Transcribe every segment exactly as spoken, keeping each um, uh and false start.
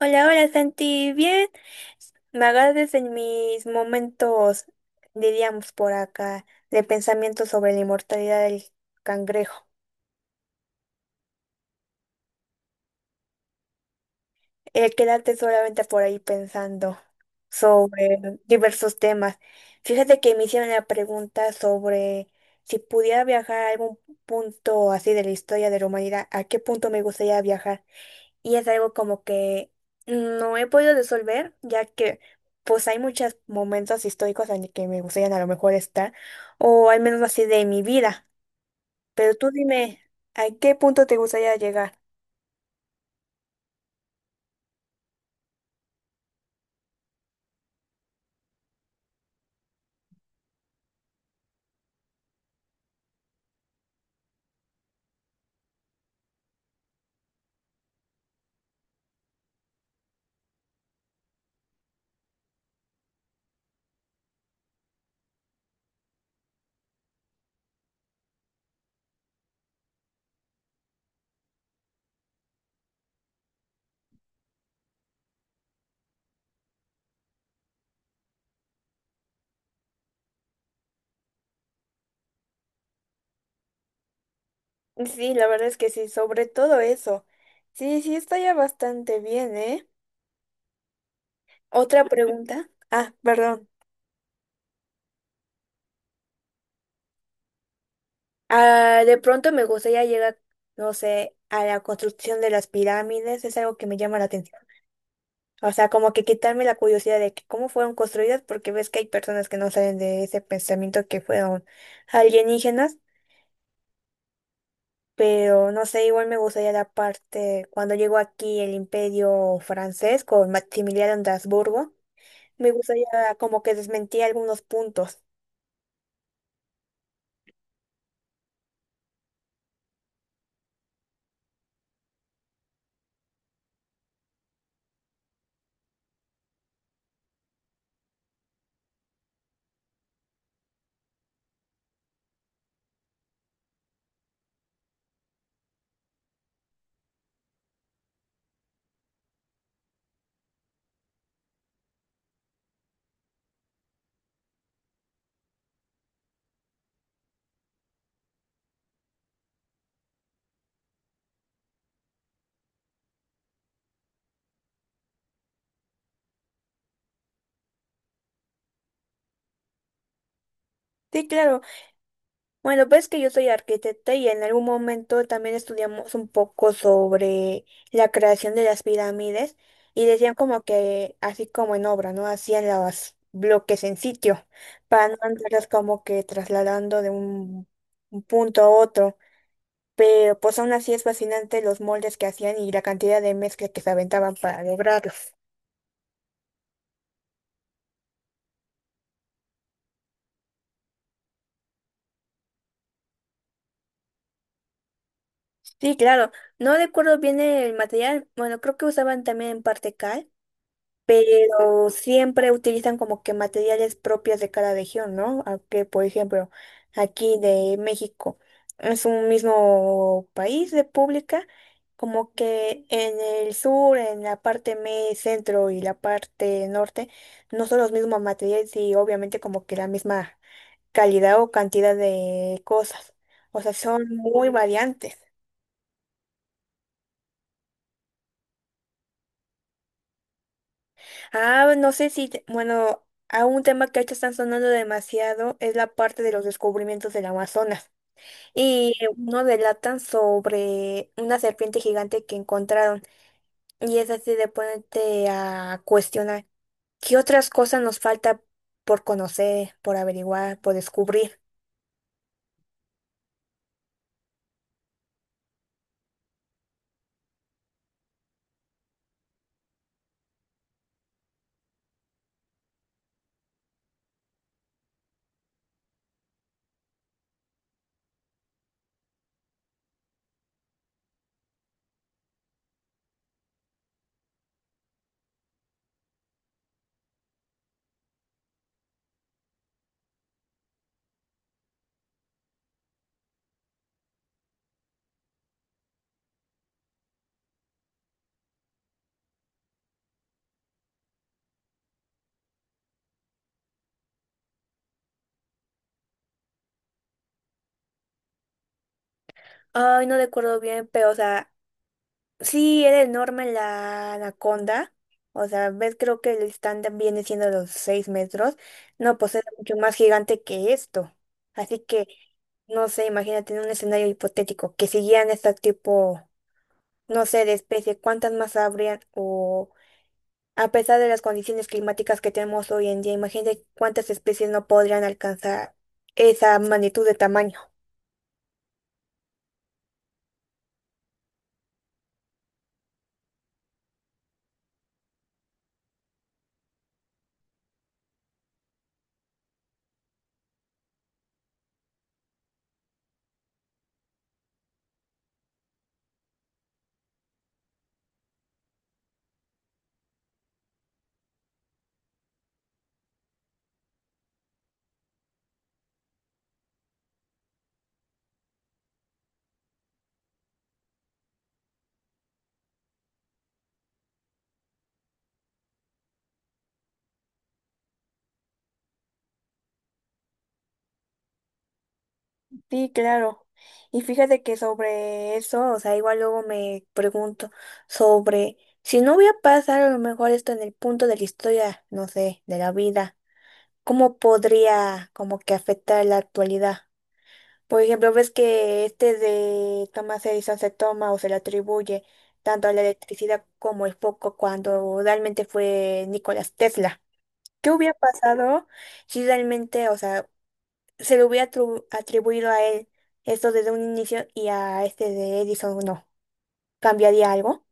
Hola, hola Santi, bien. Me agarras en mis momentos, diríamos por acá, de pensamiento sobre la inmortalidad del cangrejo. El quedarte solamente por ahí pensando sobre diversos temas. Fíjate que me hicieron la pregunta sobre si pudiera viajar a algún punto así de la historia de la humanidad, ¿a qué punto me gustaría viajar? Y es algo como que no he podido resolver, ya que pues hay muchos momentos históricos en los que me gustaría a lo mejor estar, o al menos así de mi vida. Pero tú dime, ¿a qué punto te gustaría llegar? Sí, la verdad es que sí, sobre todo eso. Sí, sí, está ya bastante bien, ¿eh? Otra pregunta. Ah, perdón. Ah, de pronto me gustaría llegar, no sé, a la construcción de las pirámides, es algo que me llama la atención. O sea, como que quitarme la curiosidad de que cómo fueron construidas, porque ves que hay personas que no salen de ese pensamiento que fueron alienígenas, pero no sé, igual me gustaría la parte cuando llegó aquí el Imperio francés con Maximiliano de Habsburgo, me gustaría como que desmentía algunos puntos. Sí, claro. Bueno, pues que yo soy arquitecta y en algún momento también estudiamos un poco sobre la creación de las pirámides y decían como que así como en obra, ¿no? Hacían los bloques en sitio para no andarlas como que trasladando de un, un punto a otro. Pero pues aún así es fascinante los moldes que hacían y la cantidad de mezcla que se aventaban para lograrlos. Sí, claro. No recuerdo bien el material. Bueno, creo que usaban también en parte cal. Pero siempre utilizan como que materiales propios de cada región, ¿no? Aunque, por ejemplo, aquí de México es un mismo país, república, como que en el sur, en la parte me- centro y la parte norte, no son los mismos materiales y obviamente como que la misma calidad o cantidad de cosas. O sea, son muy variantes. Ah, bueno, no sé si, te- bueno, a un tema que ahorita están sonando demasiado es la parte de los descubrimientos del Amazonas. Y uno delatan sobre una serpiente gigante que encontraron. Y es así de ponerte a cuestionar qué otras cosas nos falta por conocer, por averiguar, por descubrir. Ay, no recuerdo bien, pero o sea, sí, era enorme la anaconda. O sea, ves, creo que el estándar viene siendo los seis metros. No, pues era mucho más gigante que esto. Así que, no sé, imagínate en un escenario hipotético que siguieran este tipo, no sé, de especie, ¿cuántas más habrían? O a pesar de las condiciones climáticas que tenemos hoy en día, imagínate cuántas especies no podrían alcanzar esa magnitud de tamaño. Sí, claro. Y fíjate que sobre eso, o sea, igual luego me pregunto sobre si no hubiera pasado a lo mejor esto en el punto de la historia, no sé, de la vida, ¿cómo podría como que afectar la actualidad? Por ejemplo, ves que este de Thomas Edison se toma o se le atribuye tanto a la electricidad como el foco cuando realmente fue Nikola Tesla. ¿Qué hubiera pasado si realmente, o sea, se le hubiera atru- atribuido a él esto desde un inicio y a este de Edison no? ¿Cambiaría algo?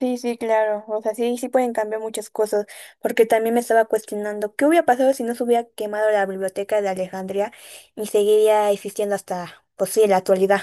Sí, sí, claro. O sea, sí, sí pueden cambiar muchas cosas, porque también me estaba cuestionando qué hubiera pasado si no se hubiera quemado la biblioteca de Alejandría y seguiría existiendo hasta, pues sí, la actualidad.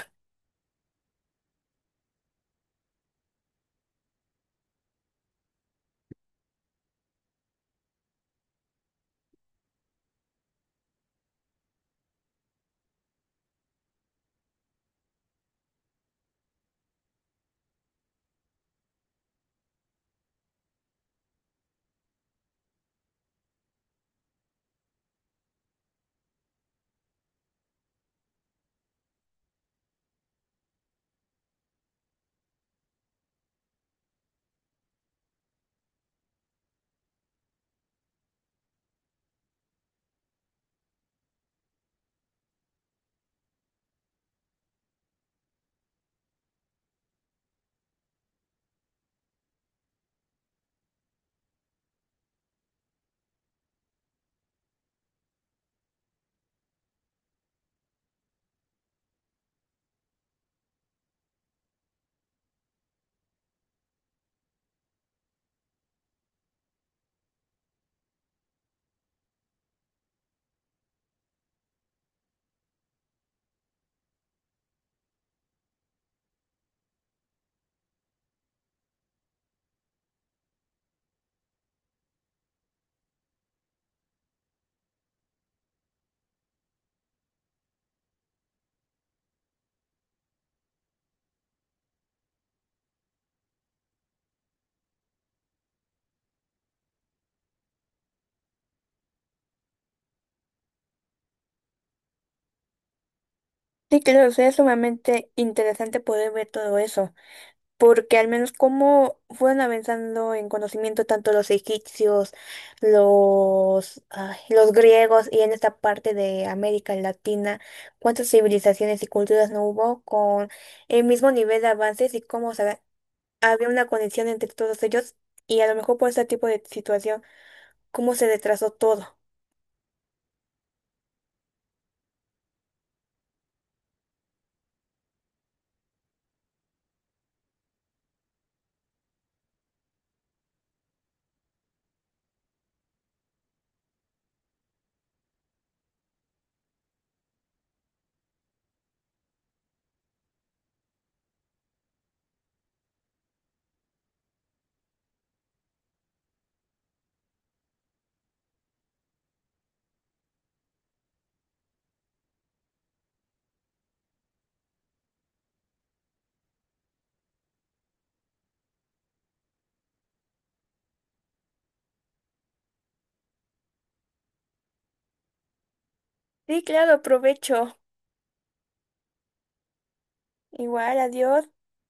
Sí, claro, sería sumamente interesante poder ver todo eso. Porque al menos como fueron avanzando en conocimiento tanto los egipcios, los, ay, los griegos y en esta parte de América Latina, cuántas civilizaciones y culturas no hubo con el mismo nivel de avances y cómo se- había una conexión entre todos ellos y a lo mejor por este tipo de situación, cómo se retrasó todo. Sí, claro, provecho. Igual, adiós.